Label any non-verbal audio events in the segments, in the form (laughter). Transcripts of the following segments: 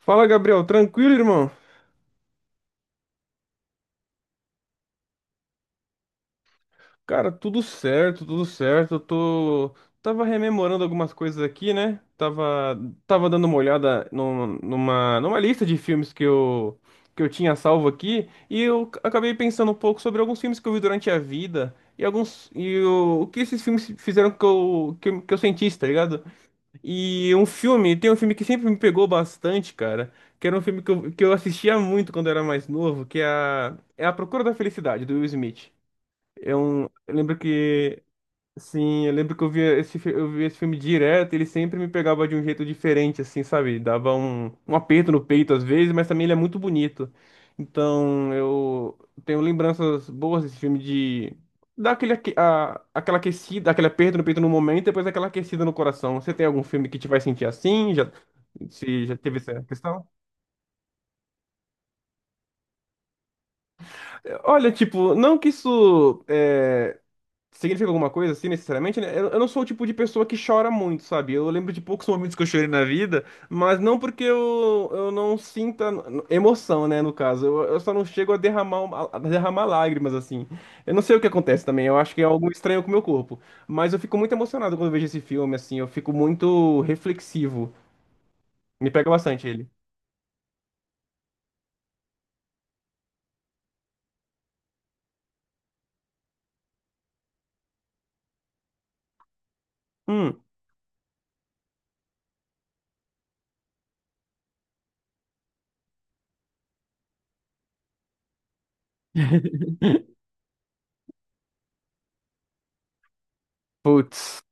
Fala, Gabriel. Tranquilo, irmão? Cara, tudo certo, tudo certo. Tava rememorando algumas coisas aqui, né? Tava dando uma olhada numa lista de filmes que eu tinha salvo aqui e acabei pensando um pouco sobre alguns filmes que eu vi durante a vida e alguns e o que esses filmes fizeram que eu sentisse, tá ligado? Tem um filme que sempre me pegou bastante, cara, que era um filme que eu assistia muito quando eu era mais novo, que é é A Procura da Felicidade, do Will Smith. Eu lembro que sim, eu lembro que eu via eu via esse filme direto, ele sempre me pegava de um jeito diferente, assim, sabe? Dava um aperto no peito às vezes, mas também ele é muito bonito. Então, eu tenho lembranças boas desse filme de dar aquela aquecida, aquele aperto no peito no momento, e depois aquela aquecida no coração. Você tem algum filme que te vai sentir assim? Já, se já teve essa questão? Olha, tipo, não que significa alguma coisa assim, necessariamente, né? Eu não sou o tipo de pessoa que chora muito, sabe? Eu lembro de poucos momentos que eu chorei na vida, mas não porque eu não sinta emoção, né? No caso, eu só não chego a derramar lágrimas, assim. Eu não sei o que acontece também, eu acho que é algo estranho com o meu corpo. Mas eu fico muito emocionado quando eu vejo esse filme, assim, eu fico muito reflexivo. Me pega bastante ele. Hum, (laughs) Putz.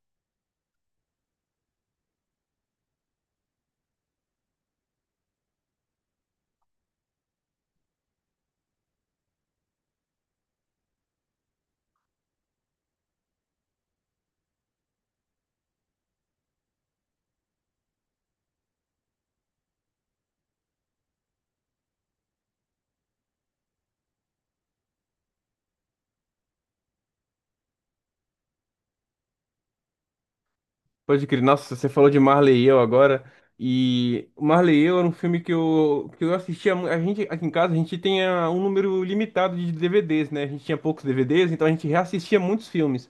Pode crer. Nossa, você falou de Marley e Eu agora. E o Marley e Eu era um filme que eu assistia. A gente, aqui em casa, a gente tem um número limitado de DVDs, né? A gente tinha poucos DVDs, então a gente reassistia muitos filmes.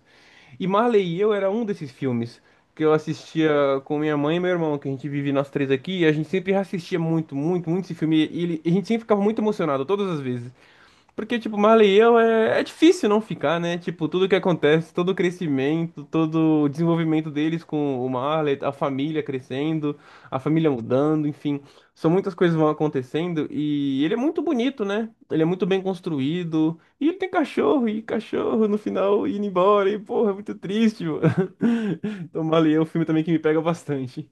E Marley e Eu era um desses filmes que eu assistia com minha mãe e meu irmão, que a gente vive nós três aqui. E a gente sempre reassistia muito, muito, muito esse filme. E a gente sempre ficava muito emocionado, todas as vezes. Porque, tipo, Marley e eu é difícil não ficar, né? Tipo, tudo que acontece, todo o crescimento, todo o desenvolvimento deles com o Marley, a família crescendo, a família mudando, enfim. São muitas coisas que vão acontecendo e ele é muito bonito, né? Ele é muito bem construído. E ele tem cachorro, e cachorro no final indo embora, e porra, é muito triste, mano. (laughs) Então, Marley e eu é um filme também que me pega bastante.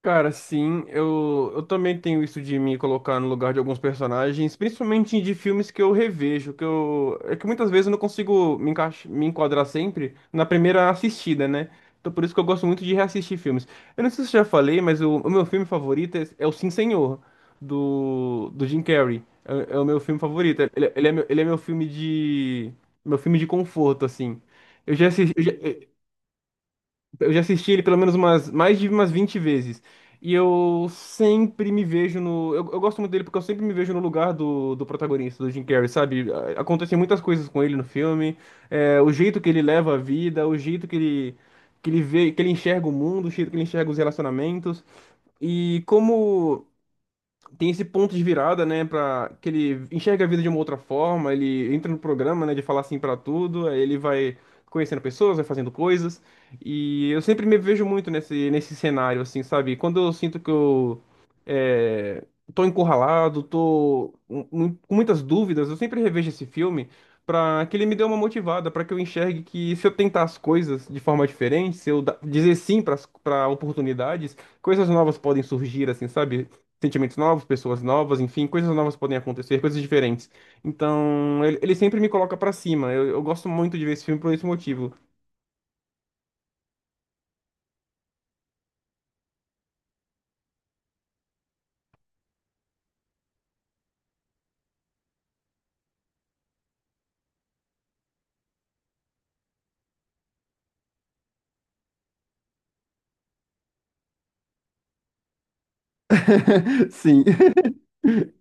Cara, sim, eu também tenho isso de me colocar no lugar de alguns personagens, principalmente de filmes que eu revejo, que muitas vezes eu não consigo me enquadrar sempre na primeira assistida, né? Então por isso que eu gosto muito de reassistir filmes. Eu não sei se eu já falei, mas o meu filme favorito é o Sim Senhor, do Jim Carrey. É o meu filme favorito. Ele é meu filme meu filme de conforto, assim. Eu já assisti, eu já assisti ele pelo menos umas, mais de umas 20 vezes. E eu sempre me vejo no. Eu gosto muito dele porque eu sempre me vejo no lugar do protagonista, do Jim Carrey, sabe? A- Acontecem muitas coisas com ele no filme. É, o jeito que ele leva a vida, o jeito que ele vê, que ele enxerga o mundo, o jeito que ele enxerga os relacionamentos. E como tem esse ponto de virada, né, para que ele enxerga a vida de uma outra forma, ele entra no programa, né, de falar assim pra tudo, aí ele vai conhecendo pessoas, vai fazendo coisas, e eu sempre me vejo muito nesse cenário assim, sabe? Quando eu sinto que é, tô encurralado, com muitas dúvidas, eu sempre revejo esse filme pra que ele me dê uma motivada, pra que eu enxergue que se eu tentar as coisas de forma diferente, se eu dizer sim para oportunidades, coisas novas podem surgir, assim, sabe? Sentimentos novos, pessoas novas, enfim, coisas novas podem acontecer, coisas diferentes. Então, ele sempre me coloca pra cima. Eu gosto muito de ver esse filme por esse motivo. (laughs) Sim. (laughs)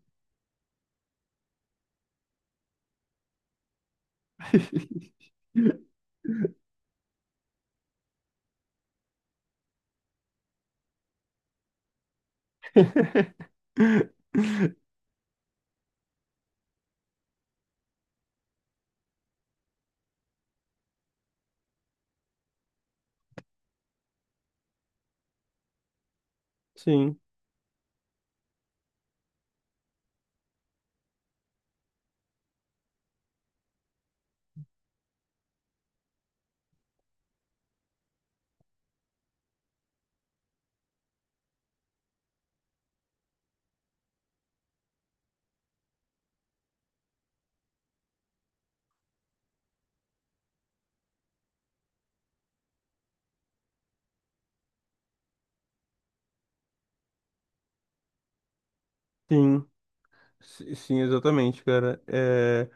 Sim, sim. Sim, exatamente, cara. É,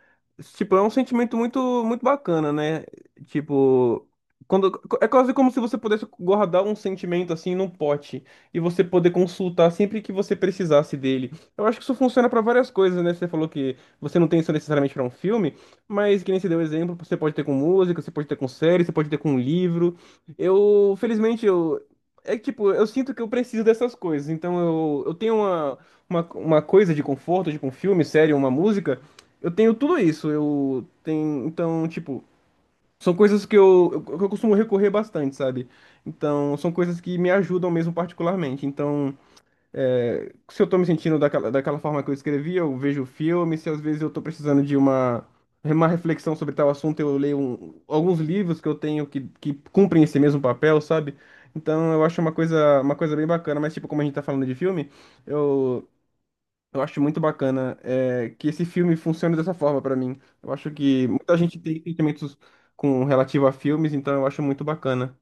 tipo, é um sentimento muito, muito bacana, né? Tipo, quando é quase como se você pudesse guardar um sentimento assim num pote e você poder consultar sempre que você precisasse dele. Eu acho que isso funciona para várias coisas, né? Você falou que você não tem isso necessariamente para um filme, mas que nem você deu exemplo, você pode ter com música, você pode ter com série, você pode ter com livro. Eu, felizmente, eu É que, tipo, eu sinto que eu preciso dessas coisas, então eu tenho uma coisa de conforto, tipo um filme, série, uma música, eu tenho tudo isso. Eu tenho, então, tipo, são coisas que que eu costumo recorrer bastante, sabe? Então, são coisas que me ajudam mesmo particularmente. Então, é, se eu tô me sentindo daquela forma que eu escrevi, eu vejo filme, se às vezes eu tô precisando de uma reflexão sobre tal assunto, eu leio alguns livros que eu tenho que cumprem esse mesmo papel, sabe? Então eu acho uma coisa bem bacana, mas tipo, como a gente tá falando de filme, eu, eu acho muito bacana é, que esse filme funcione dessa forma pra mim. Eu acho que muita gente tem sentimentos com relativo a filmes, então eu acho muito bacana.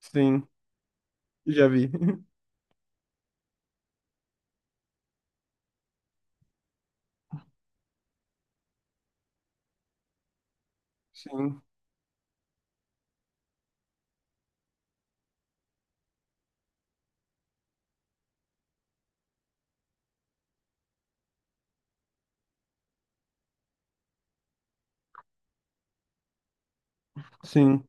Sim, já vi. (laughs) Sim, sim,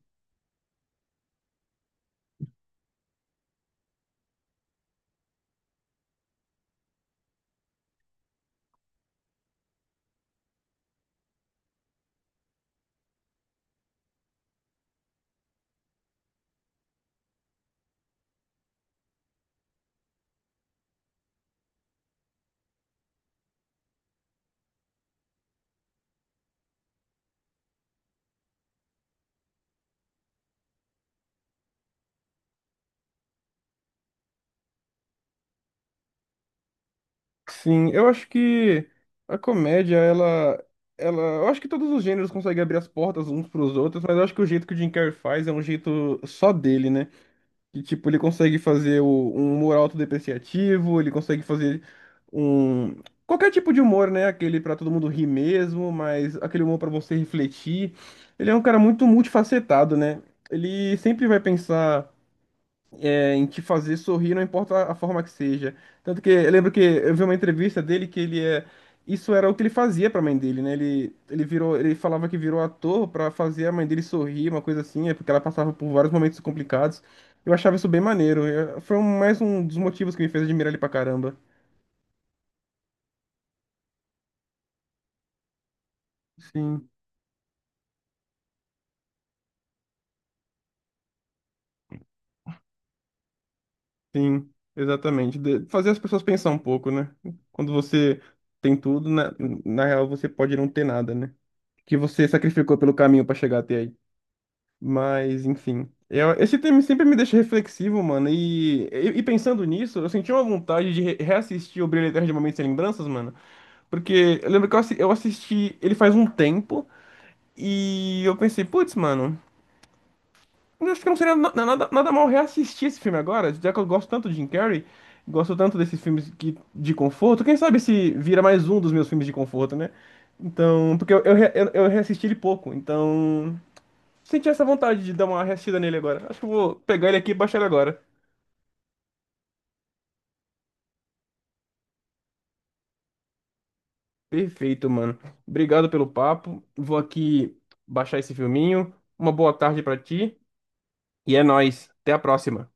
sim. Eu acho que a comédia, eu acho que todos os gêneros conseguem abrir as portas uns pros outros, mas eu acho que o jeito que o Jim Carrey faz é um jeito só dele, né? Que, tipo, ele consegue um humor autodepreciativo, ele consegue fazer um... qualquer tipo de humor, né? Aquele pra todo mundo rir mesmo, mas aquele humor pra você refletir. Ele é um cara muito multifacetado, né? Ele sempre vai pensar... É, em te fazer sorrir, não importa a forma que seja. Tanto que eu lembro que eu vi uma entrevista dele que ele é. Isso era o que ele fazia pra mãe dele, né? Ele falava que virou ator pra fazer a mãe dele sorrir, uma coisa assim, é porque ela passava por vários momentos complicados. Eu achava isso bem maneiro. Mais um dos motivos que me fez admirar ele pra caramba. Sim, sim, Exatamente. Fazer as pessoas pensar um pouco, né? Quando você tem tudo, na real você pode não ter nada, né? Que você sacrificou pelo caminho pra chegar até aí. Mas, enfim. Eu, esse tema sempre me deixa reflexivo, mano. E, pensando nisso, eu senti uma vontade de reassistir o Brilho Eterno de Momentos Sem Lembranças, mano. Porque eu lembro que eu assisti ele faz um tempo e eu pensei, putz, mano, eu acho que não seria nada mal reassistir esse filme agora, já que eu gosto tanto de Jim Carrey, gosto tanto desses filmes de conforto. Quem sabe se vira mais um dos meus filmes de conforto, né? Então, porque eu, re- eu reassisti ele pouco, então. Senti essa vontade de dar uma restida nele agora. Acho que eu vou pegar ele aqui e baixar ele agora. Perfeito, mano. Obrigado pelo papo. Vou aqui baixar esse filminho. Uma boa tarde pra ti. E é nóis. Até a próxima.